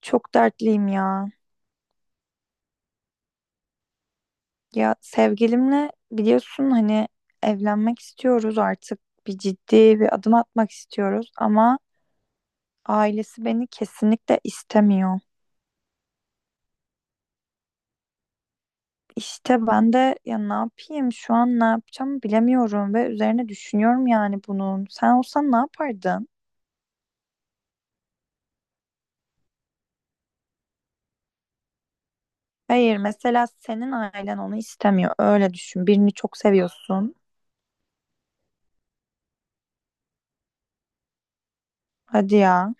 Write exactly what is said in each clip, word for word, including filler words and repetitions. Çok dertliyim ya. Ya sevgilimle biliyorsun hani evlenmek istiyoruz artık. Bir ciddi bir adım atmak istiyoruz ama ailesi beni kesinlikle istemiyor. İşte ben de ya ne yapayım şu an ne yapacağımı bilemiyorum ve üzerine düşünüyorum yani bunun. Sen olsan ne yapardın? Hayır mesela senin ailen onu istemiyor. Öyle düşün. Birini çok seviyorsun. Hadi ya.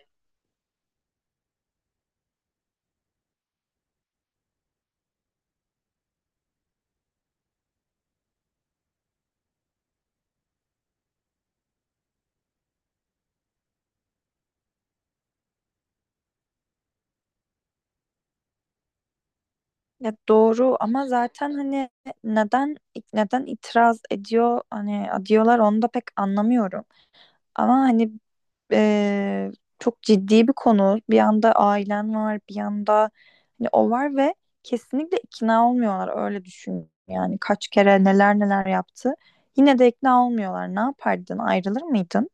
Ya doğru ama zaten hani neden neden itiraz ediyor hani diyorlar onu da pek anlamıyorum. Ama hani eee, çok ciddi bir konu. Bir yanda ailen var, bir yanda hani o var ve kesinlikle ikna olmuyorlar öyle düşün. Yani kaç kere neler neler yaptı. Yine de ikna olmuyorlar. Ne yapardın? Ayrılır mıydın?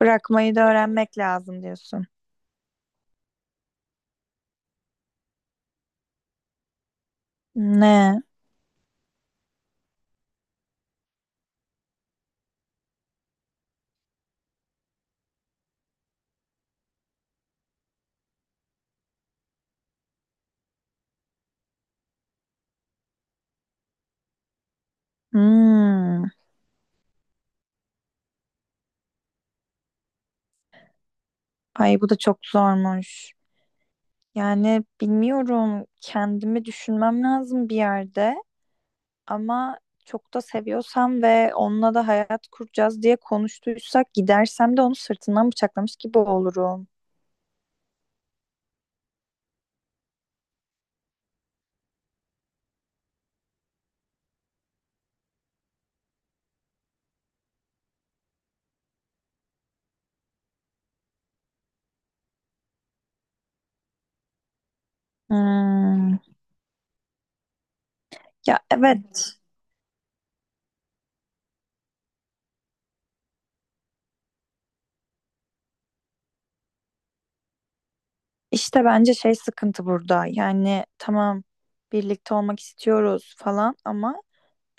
Bırakmayı da öğrenmek lazım diyorsun. Ne? Hmm. Ay bu da çok zormuş. Yani bilmiyorum kendimi düşünmem lazım bir yerde ama çok da seviyorsam ve onunla da hayat kuracağız diye konuştuysak gidersem de onu sırtından bıçaklamış gibi olurum. Hmm, ya evet, işte bence şey sıkıntı burada yani tamam birlikte olmak istiyoruz falan ama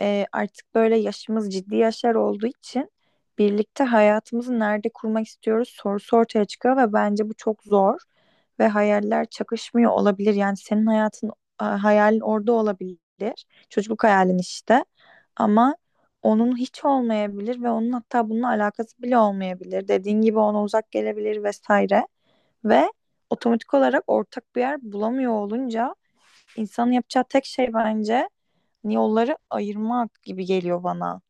e, artık böyle yaşımız ciddi yaşlar olduğu için birlikte hayatımızı nerede kurmak istiyoruz sorusu ortaya çıkıyor ve bence bu çok zor ve hayaller çakışmıyor olabilir. Yani senin hayatın a, hayalin orada olabilir. Çocukluk hayalin işte. Ama onun hiç olmayabilir ve onun hatta bununla alakası bile olmayabilir. Dediğin gibi ona uzak gelebilir vesaire ve otomatik olarak ortak bir yer bulamıyor olunca insanın yapacağı tek şey bence yolları ayırmak gibi geliyor bana.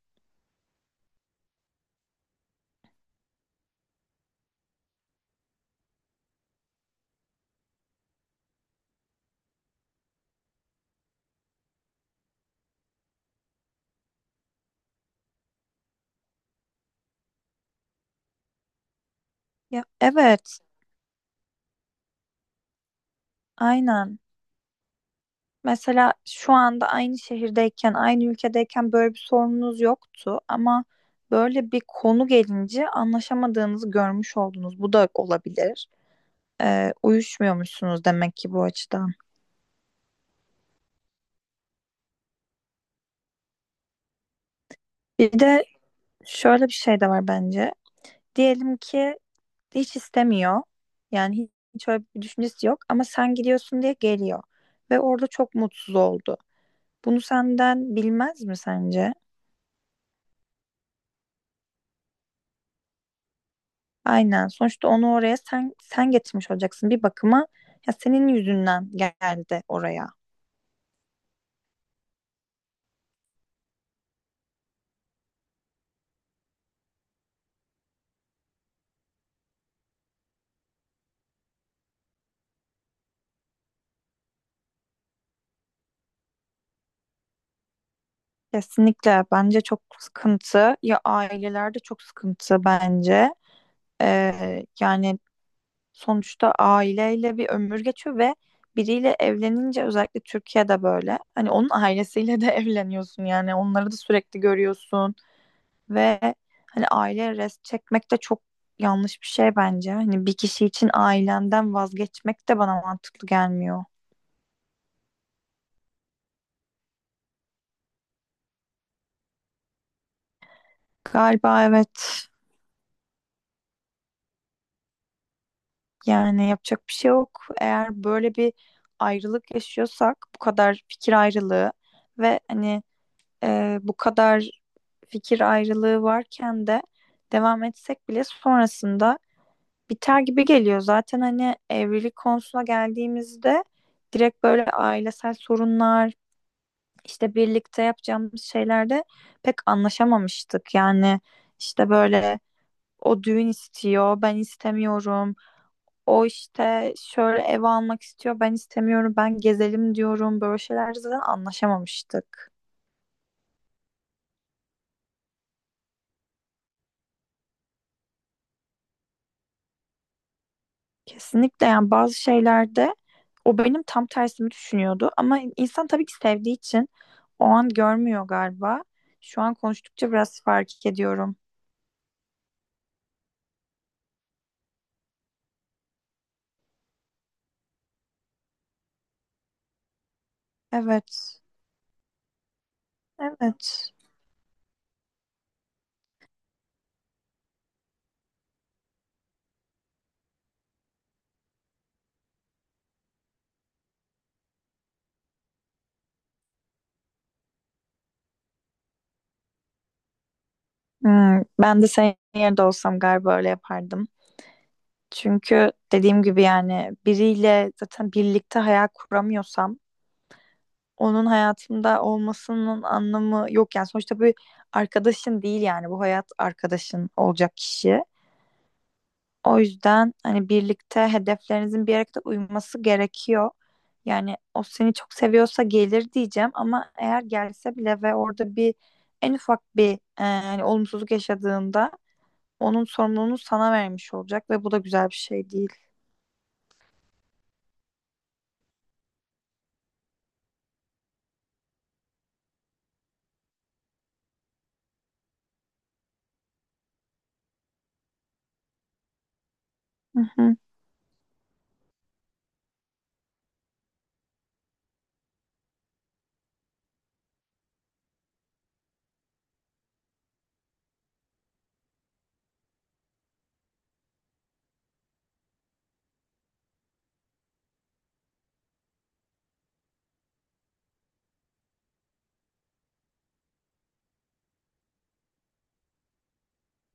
Ya evet, aynen. Mesela şu anda aynı şehirdeyken, aynı ülkedeyken böyle bir sorununuz yoktu ama böyle bir konu gelince anlaşamadığınızı görmüş oldunuz. Bu da olabilir. Ee, uyuşmuyormuşsunuz demek ki bu açıdan. Bir de şöyle bir şey de var bence. Diyelim ki hiç istemiyor. Yani hiç öyle bir düşüncesi yok ama sen gidiyorsun diye geliyor ve orada çok mutsuz oldu. Bunu senden bilmez mi sence? Aynen. Sonuçta onu oraya sen sen getirmiş olacaksın bir bakıma. Ya senin yüzünden geldi oraya. Kesinlikle bence çok sıkıntı. Ya ailelerde çok sıkıntı bence. Ee, yani sonuçta aileyle bir ömür geçiyor ve biriyle evlenince özellikle Türkiye'de böyle. Hani onun ailesiyle de evleniyorsun yani onları da sürekli görüyorsun. Ve hani aile rest çekmek de çok yanlış bir şey bence. Hani bir kişi için ailenden vazgeçmek de bana mantıklı gelmiyor. Galiba evet. Yani yapacak bir şey yok. Eğer böyle bir ayrılık yaşıyorsak bu kadar fikir ayrılığı ve hani e, bu kadar fikir ayrılığı varken de devam etsek bile sonrasında biter gibi geliyor. Zaten hani evlilik konusuna geldiğimizde direkt böyle ailesel sorunlar işte birlikte yapacağımız şeylerde pek anlaşamamıştık. Yani işte böyle o düğün istiyor, ben istemiyorum. O işte şöyle ev almak istiyor, ben istemiyorum. Ben gezelim diyorum. Böyle şeylerde zaten anlaşamamıştık. Kesinlikle yani bazı şeylerde o benim tam tersimi düşünüyordu. Ama insan tabii ki sevdiği için o an görmüyor galiba. Şu an konuştukça biraz fark ediyorum. Evet. Evet. Hmm, ben de senin yerinde olsam galiba öyle yapardım. Çünkü dediğim gibi yani biriyle zaten birlikte hayal kuramıyorsam onun hayatımda olmasının anlamı yok yani sonuçta bir arkadaşın değil yani bu hayat arkadaşın olacak kişi. O yüzden hani birlikte hedeflerinizin bir yere kadar uyması gerekiyor. Yani o seni çok seviyorsa gelir diyeceğim ama eğer gelse bile ve orada bir en ufak bir e, hani olumsuzluk yaşadığında onun sorumluluğunu sana vermiş olacak ve bu da güzel bir şey değil. Hı hı.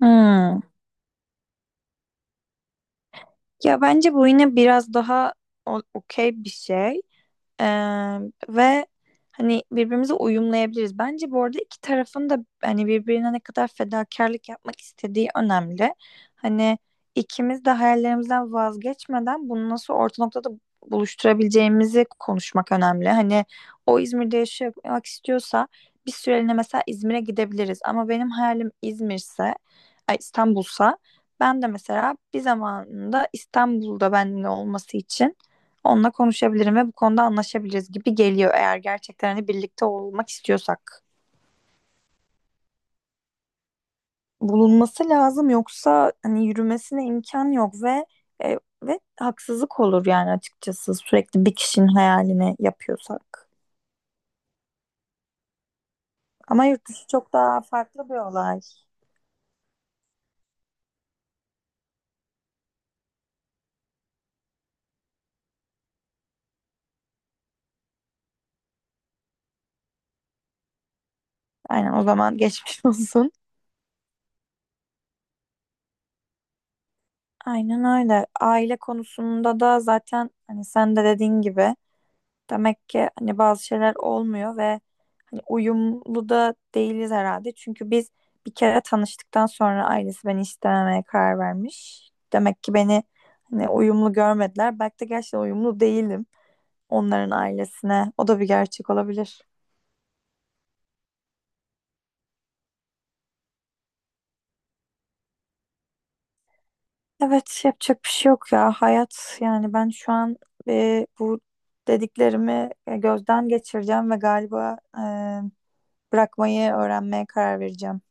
Hmm. Ya bence bu yine biraz daha o- okey bir şey. Ee, ve hani birbirimize uyumlayabiliriz. Bence bu arada iki tarafın da hani birbirine ne kadar fedakarlık yapmak istediği önemli. Hani ikimiz de hayallerimizden vazgeçmeden bunu nasıl orta noktada buluşturabileceğimizi konuşmak önemli. Hani o İzmir'de yaşamak istiyorsa bir süreliğine mesela İzmir'e gidebiliriz. Ama benim hayalim İzmir'se, ay İstanbul'sa ben de mesela bir zamanında İstanbul'da benimle olması için onunla konuşabilirim ve bu konuda anlaşabiliriz gibi geliyor eğer gerçekten hani birlikte olmak istiyorsak. Bulunması lazım yoksa hani yürümesine imkan yok ve e, ve haksızlık olur yani açıkçası sürekli bir kişinin hayalini yapıyorsak. Ama yurt dışı çok daha farklı bir olay. Aynen o zaman geçmiş olsun. Aynen öyle. Aile konusunda da zaten hani sen de dediğin gibi demek ki hani bazı şeyler olmuyor ve hani uyumlu da değiliz herhalde. Çünkü biz bir kere tanıştıktan sonra ailesi beni istememeye karar vermiş. Demek ki beni hani uyumlu görmediler. Belki de gerçekten uyumlu değilim onların ailesine. O da bir gerçek olabilir. Evet, yapacak bir şey yok ya. Hayat yani ben şu an e, bu dediklerimi e, gözden geçireceğim ve galiba e, bırakmayı öğrenmeye karar vereceğim.